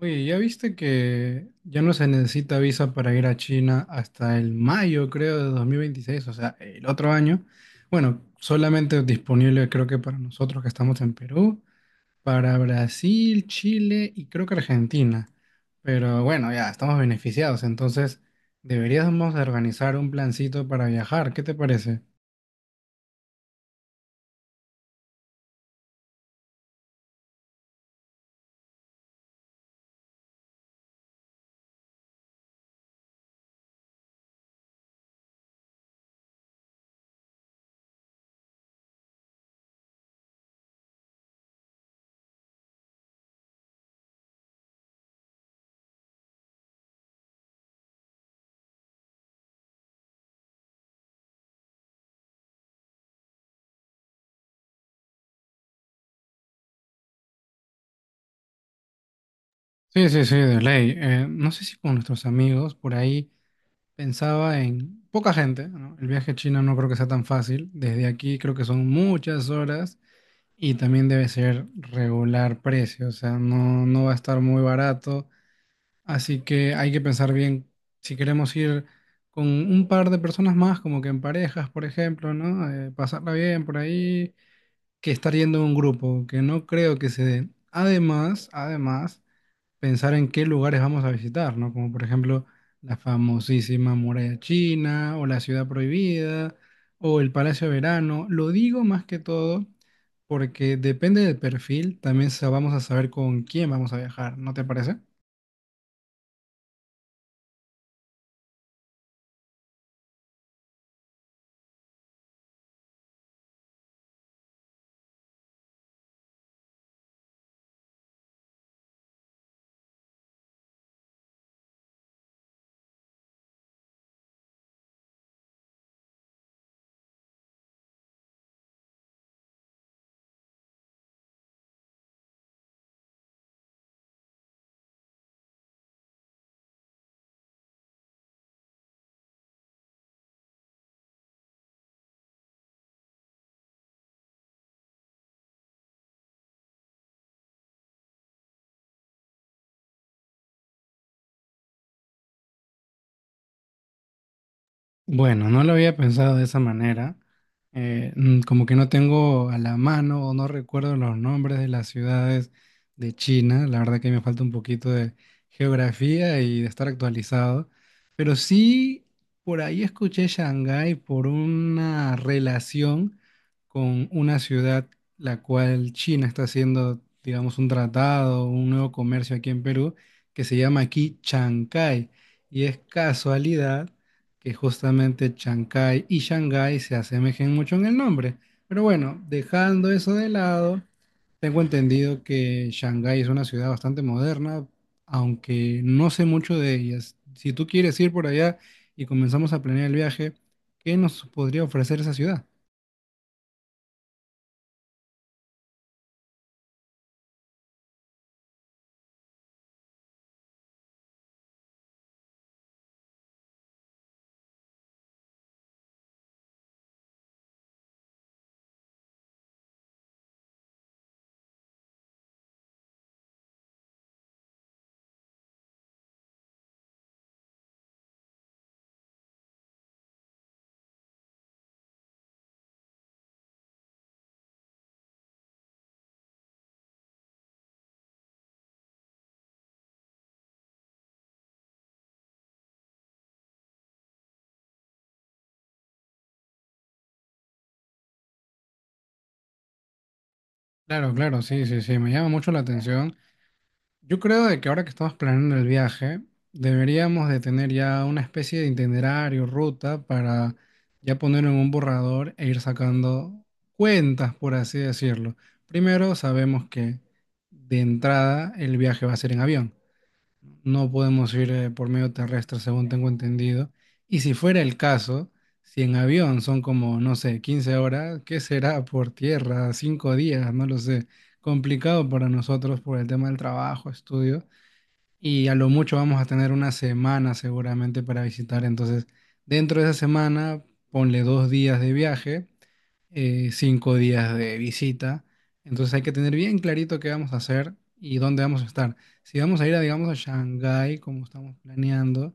Oye, ¿ya viste que ya no se necesita visa para ir a China hasta el mayo, creo, de 2026, o sea, el otro año. Bueno, solamente disponible creo que para nosotros que estamos en Perú, para Brasil, Chile y creo que Argentina. Pero bueno, ya estamos beneficiados, entonces deberíamos de organizar un plancito para viajar. ¿Qué te parece? Sí, sí, sí, de ley. No sé si con nuestros amigos por ahí. Pensaba en poca gente, ¿no? El viaje a China no creo que sea tan fácil. Desde aquí creo que son muchas horas y también debe ser regular precio, o sea, no, no va a estar muy barato. Así que hay que pensar bien si queremos ir con un par de personas más, como que en parejas, por ejemplo, ¿no? Pasarla bien por ahí, que estar yendo en un grupo, que no creo que se dé. Además, pensar en qué lugares vamos a visitar, ¿no? Como por ejemplo la famosísima Muralla China o la Ciudad Prohibida o el Palacio de Verano. Lo digo más que todo porque depende del perfil, también vamos a saber con quién vamos a viajar, ¿no te parece? Bueno, no lo había pensado de esa manera. Como que no tengo a la mano o no recuerdo los nombres de las ciudades de China. La verdad que me falta un poquito de geografía y de estar actualizado. Pero sí, por ahí escuché Shanghái por una relación con una ciudad la cual China está haciendo, digamos, un tratado, un nuevo comercio aquí en Perú que se llama aquí Chancay. Y es casualidad que justamente Chancay y Shanghái se asemejen mucho en el nombre. Pero bueno, dejando eso de lado, tengo entendido que Shanghái es una ciudad bastante moderna, aunque no sé mucho de ellas. Si tú quieres ir por allá y comenzamos a planear el viaje, ¿qué nos podría ofrecer esa ciudad? Claro, claro, sí, sí, sí, me llama mucho la atención. Yo creo de que ahora que estamos planeando el viaje, deberíamos de tener ya una especie de itinerario, ruta, para ya ponerlo en un borrador e ir sacando cuentas, por así decirlo. Primero, sabemos que de entrada el viaje va a ser en avión. No podemos ir por medio terrestre, según tengo entendido. Y si fuera el caso, si en avión son como, no sé, 15 horas, ¿qué será por tierra? ¿5 días? No lo sé. Complicado para nosotros por el tema del trabajo, estudio. Y a lo mucho vamos a tener una semana seguramente para visitar. Entonces, dentro de esa semana, ponle 2 días de viaje, 5 días de visita. Entonces hay que tener bien clarito qué vamos a hacer y dónde vamos a estar. Si vamos a ir, a, digamos, a Shanghái, como estamos planeando,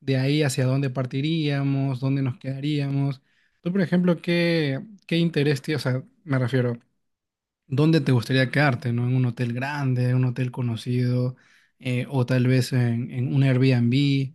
de ahí hacia dónde partiríamos, dónde nos quedaríamos. Tú, por ejemplo, ¿qué, qué interés tienes? O sea, me refiero, ¿dónde te gustaría quedarte, no? ¿En un hotel grande, un hotel conocido, o tal vez en, un Airbnb?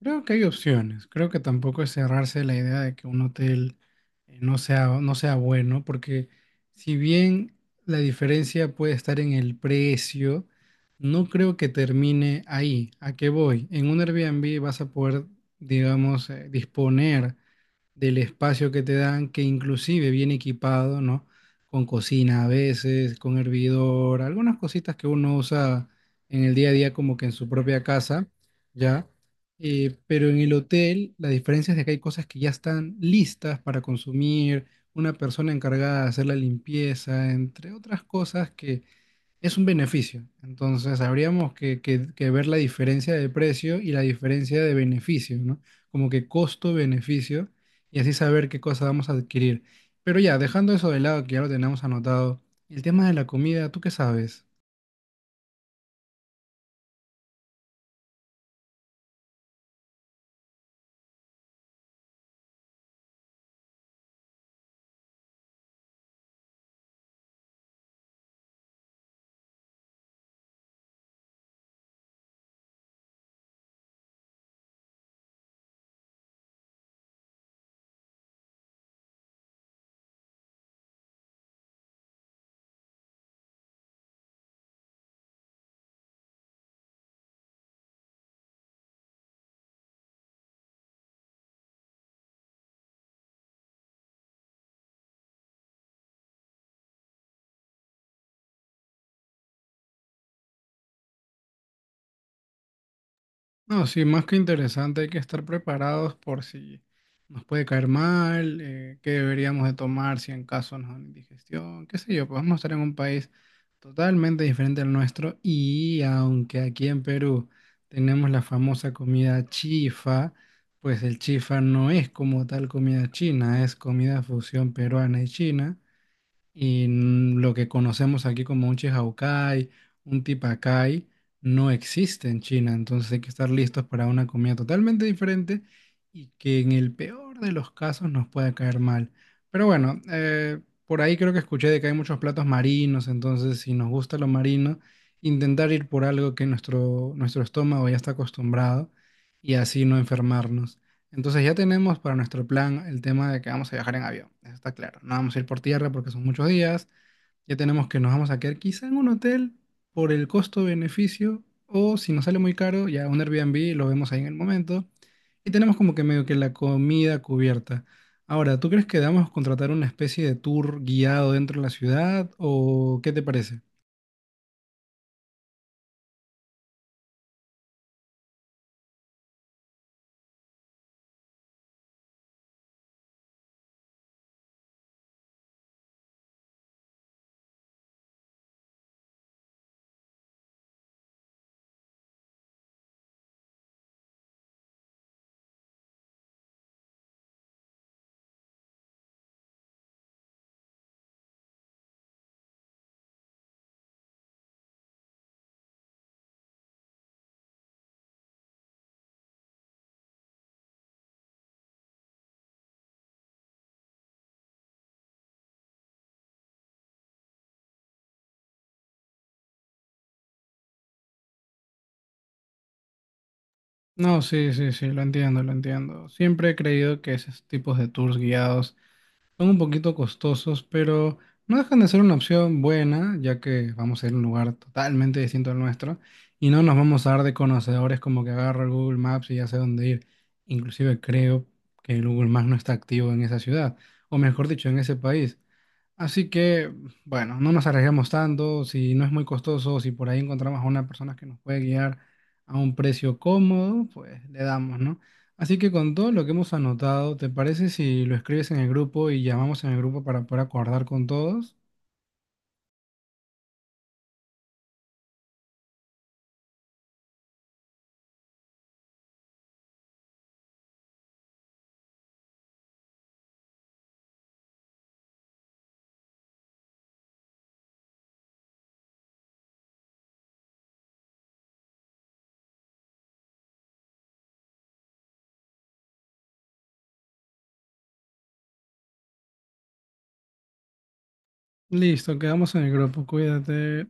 Creo que hay opciones. Creo que tampoco es cerrarse la idea de que un hotel no sea, bueno, porque si bien la diferencia puede estar en el precio, no creo que termine ahí. ¿A qué voy? En un Airbnb vas a poder, digamos, disponer del espacio que te dan, que inclusive viene equipado, ¿no? Con cocina a veces, con hervidor, algunas cositas que uno usa en el día a día como que en su propia casa, ¿ya? Pero en el hotel la diferencia es de que hay cosas que ya están listas para consumir, una persona encargada de hacer la limpieza, entre otras cosas que es un beneficio. Entonces, habríamos que ver la diferencia de precio y la diferencia de beneficio, ¿no? Como que costo-beneficio y así saber qué cosa vamos a adquirir. Pero ya, dejando eso de lado, que ya lo tenemos anotado, el tema de la comida, ¿tú qué sabes? No, sí, más que interesante, hay que estar preparados por si nos puede caer mal, qué deberíamos de tomar si en caso nos da una indigestión, qué sé yo, pues vamos a estar en un país totalmente diferente al nuestro y aunque aquí en Perú tenemos la famosa comida chifa, pues el chifa no es como tal comida china, es comida fusión peruana y china. Y lo que conocemos aquí como un Chihaukai, un Tipakai, no existe en China. Entonces hay que estar listos para una comida totalmente diferente y que en el peor de los casos nos pueda caer mal. Pero bueno, por ahí creo que escuché de que hay muchos platos marinos. Entonces, si nos gusta lo marino, intentar ir por algo que nuestro estómago ya está acostumbrado y así no enfermarnos. Entonces ya tenemos para nuestro plan el tema de que vamos a viajar en avión, eso está claro. No vamos a ir por tierra porque son muchos días. Ya tenemos que nos vamos a quedar quizá en un hotel por el costo-beneficio o si nos sale muy caro, ya un Airbnb lo vemos ahí en el momento. Y tenemos como que medio que la comida cubierta. Ahora, ¿tú crees que debamos contratar una especie de tour guiado dentro de la ciudad o qué te parece? No, sí, sí, sí, lo entiendo, lo entiendo. Siempre he creído que esos tipos de tours guiados son un poquito costosos, pero no dejan de ser una opción buena, ya que vamos a ir a un lugar totalmente distinto al nuestro y no nos vamos a dar de conocedores como que agarro el Google Maps y ya sé dónde ir. Inclusive creo que el Google Maps no está activo en esa ciudad, o mejor dicho, en ese país. Así que, bueno, no nos arriesgamos tanto, si no es muy costoso, si por ahí encontramos a una persona que nos puede guiar a un precio cómodo, pues le damos, ¿no? Así que con todo lo que hemos anotado, ¿te parece si lo escribes en el grupo y llamamos en el grupo para poder acordar con todos? Listo, quedamos en el grupo, cuídate.